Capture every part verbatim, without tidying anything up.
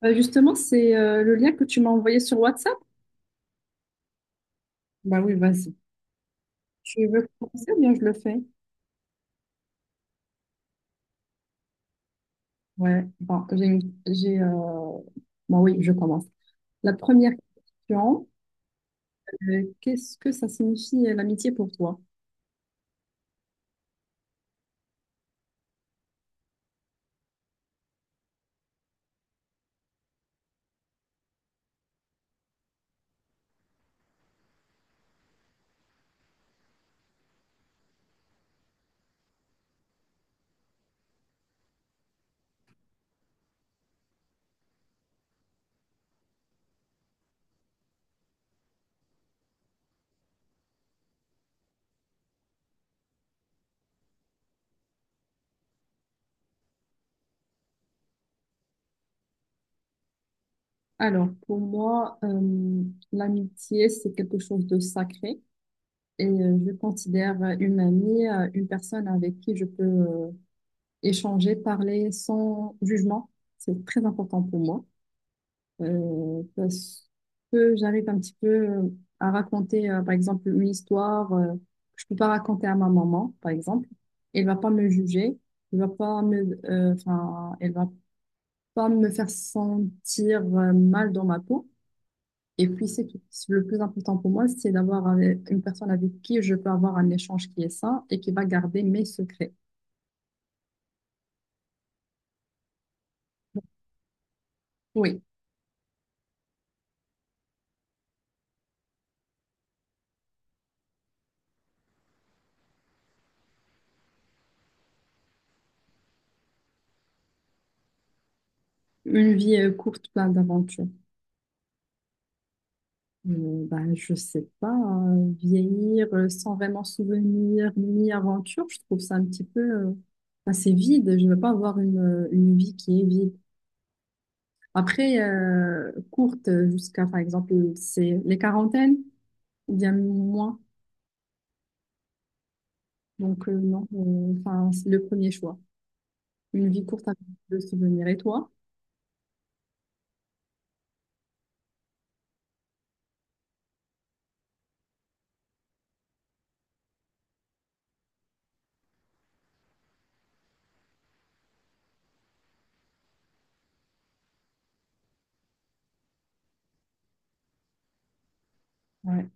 Bah, justement, c'est euh, le lien que tu m'as envoyé sur WhatsApp. Bah oui, vas-y. Tu veux commencer ou bien je le fais? Ouais. Bon, j'ai une- j'ai, euh, bon, oui, je commence. La première question, euh, qu'est-ce que ça signifie euh, l'amitié pour toi? Alors, pour moi, euh, l'amitié, c'est quelque chose de sacré et euh, je considère euh, une amie, euh, une personne avec qui je peux euh, échanger, parler sans jugement. C'est très important pour moi. Euh, parce que j'arrive un petit peu euh, à raconter, euh, par exemple, une histoire euh, que je peux pas raconter à ma maman, par exemple. Elle va pas me juger, elle va pas me, euh, enfin, elle va pas me faire sentir euh, mal dans ma peau. Et puis c'est tout. Le plus important pour moi, c'est d'avoir euh, une personne avec qui je peux avoir un échange qui est sain et qui va garder mes secrets. Oui, une vie euh, courte, pleine d'aventures. Euh, Ben, je sais pas, hein, vieillir euh, sans vraiment souvenir ni aventure, je trouve ça un petit peu euh, assez vide. Je ne veux pas avoir une, euh, une vie qui est vide. Après, euh, courte euh, jusqu'à, par exemple, c'est les quarantaines ou bien moins. Donc, euh, non, euh, enfin, c'est le premier choix. Une vie courte avec de souvenirs. Et toi? Ouais.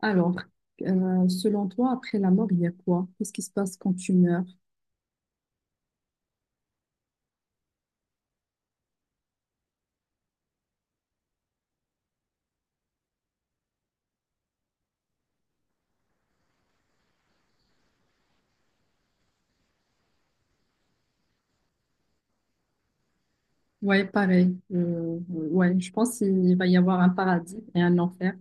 Alors, euh, selon toi, après la mort, il y a quoi? Qu'est-ce qui se passe quand tu meurs? Ouais, pareil. Euh, euh, ouais, je pense qu'il va y avoir un paradis et un enfer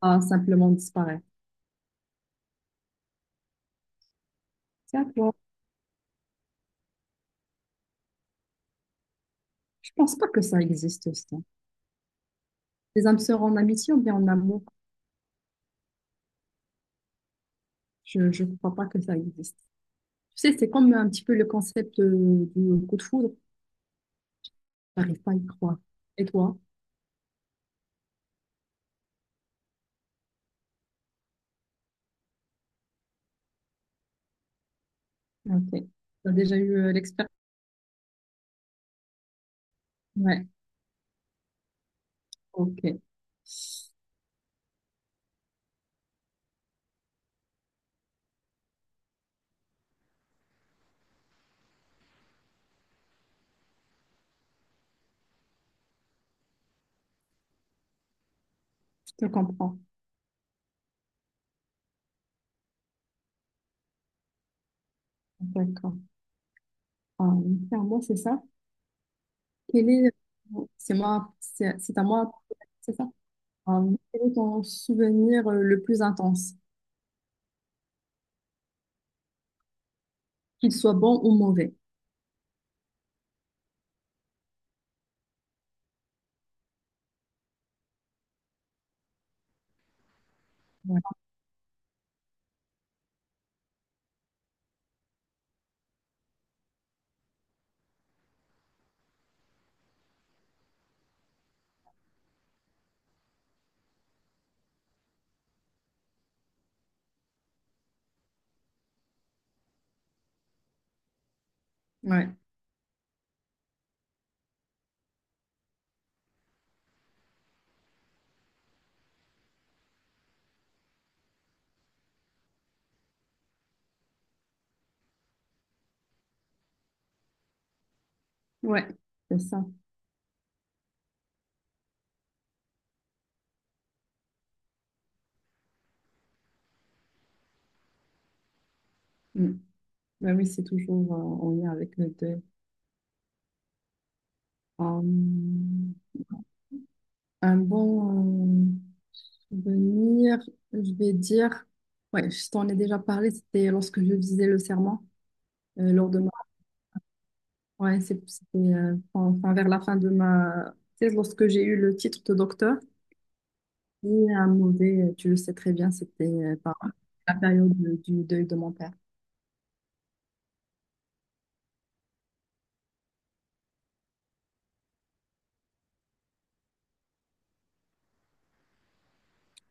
à simplement disparaître. C'est à toi. Je pense pas que ça existe, ça. Les âmes sœurs en amitié ou bien en amour, je, je crois pas que ça existe. Tu sais, c'est comme un petit peu le concept euh, du coup de foudre. J'arrive pas à y croire. Et toi? Ok. T'as déjà eu euh, l'expérience? Ouais, ok. Je te comprends. D'accord. Ah, oui. C'est à moi, c'est ça. Quel est... C'est moi, c'est c'est à moi, c'est ça? Euh, Quel est ton souvenir euh, le plus intense, qu'il soit bon ou mauvais? Ouais, ouais, ouais, c'est ça. Mm. Ben oui, c'est toujours euh, en lien avec le deuil. Euh, un bon euh, souvenir, je vais dire, ouais, je t'en ai déjà parlé, c'était lorsque je disais le serment, euh, lors de ma, ouais, c'est- c'était euh, en- enfin vers la fin de ma thèse, lorsque j'ai eu le titre de docteur. Et un mauvais, tu le sais très bien, c'était euh, par la période de- du deuil de mon père.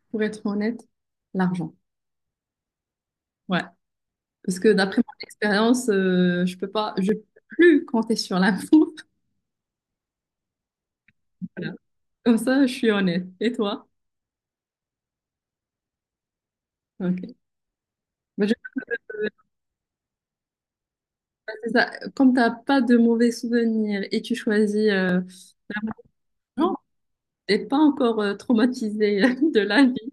Pour être honnête, l'argent. Ouais. Parce que d'après mon expérience, euh, je peux pas, je peux plus compter sur l'amour. Voilà. Comme ça, je suis honnête. Et toi? Ok. Bah, je- bah, c'est ça. Comme t'as pas de mauvais souvenirs et tu choisis euh, l'argent, t'es pas encore euh, traumatisé de la vie.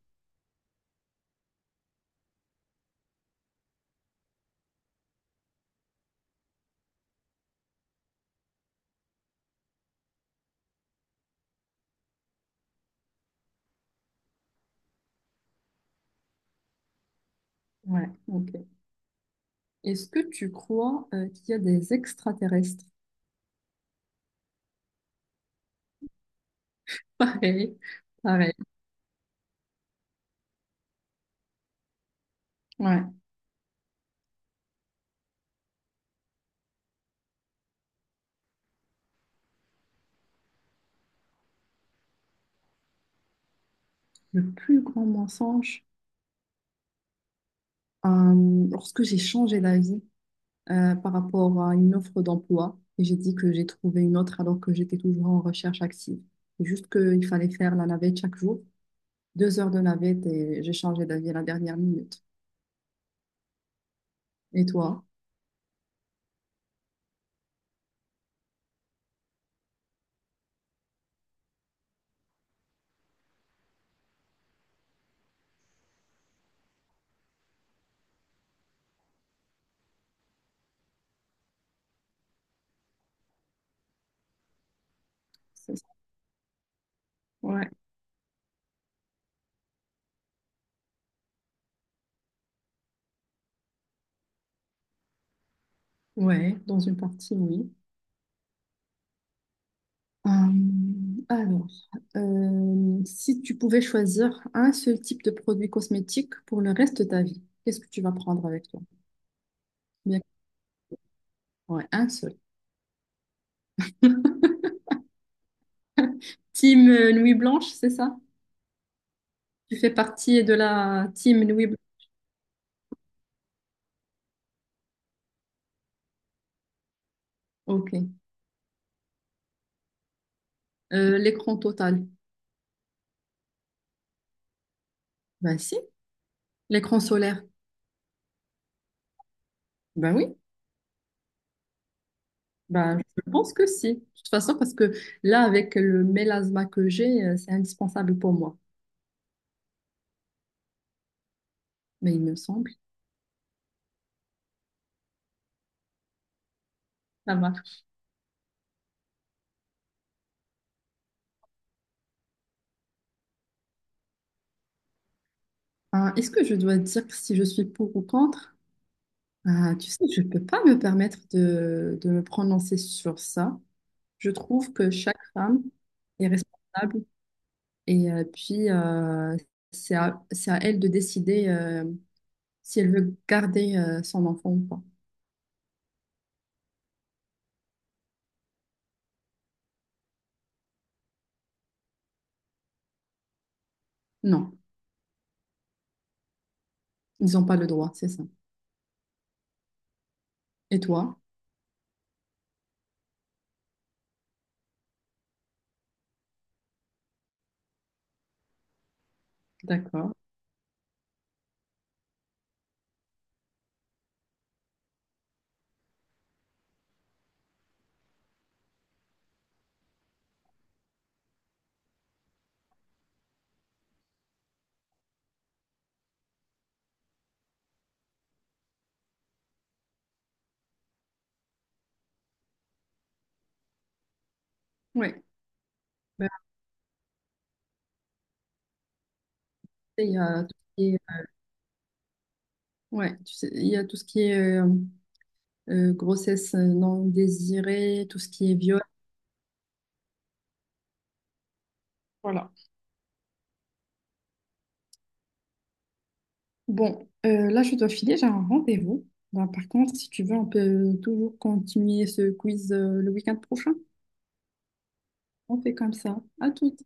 Ouais. Ok. Est-ce que tu crois euh, qu'il y a des extraterrestres? Pareil. Pareil. Ouais. Le plus grand mensonge, euh, lorsque j'ai changé d'avis, euh, par rapport à une offre d'emploi. Et j'ai dit que j'ai trouvé une autre alors que j'étais toujours en recherche active. C'est juste qu'il fallait faire la navette chaque jour. Deux heures de navette et j'ai changé d'avis à la dernière minute. Et toi? C'est ça. Ouais, ouais, dans une partie, oui. Hum, alors, euh, si tu pouvais choisir un seul type de produit cosmétique pour le reste de ta vie, qu'est-ce que tu vas prendre avec toi? Bien, ouais, un seul. Team euh, Nuit Blanche, c'est ça? Tu fais partie de la team Nuit Blanche. Ok. Euh, l'écran total? Ben si. L'écran solaire? Ben oui. Ben, je pense que si. De toute façon, parce que là, avec le mélasma que j'ai, euh, c'est indispensable pour moi. Mais il me semble, ça marche. Ah, est-ce que je dois dire si je suis pour ou contre? Ah, tu sais, je ne peux pas me permettre de, de me prononcer sur ça. Je trouve que chaque femme est responsable et euh, puis euh, c'est à, c'est à elle de décider euh, si elle veut garder euh, son enfant ou pas. Non. Ils n'ont pas le droit, c'est ça. Et toi? D'accord. Ouais. Ben, après, il y a tout ce qui est, ouais, tu sais, il y a tout ce qui est euh, euh, grossesse non désirée, tout ce qui est viol. Voilà. Bon, euh, là, je dois filer, j'ai un rendez-vous. Ben, par contre, si tu veux, on peut toujours continuer ce quiz euh, le week-end prochain. On fait comme ça. À tout.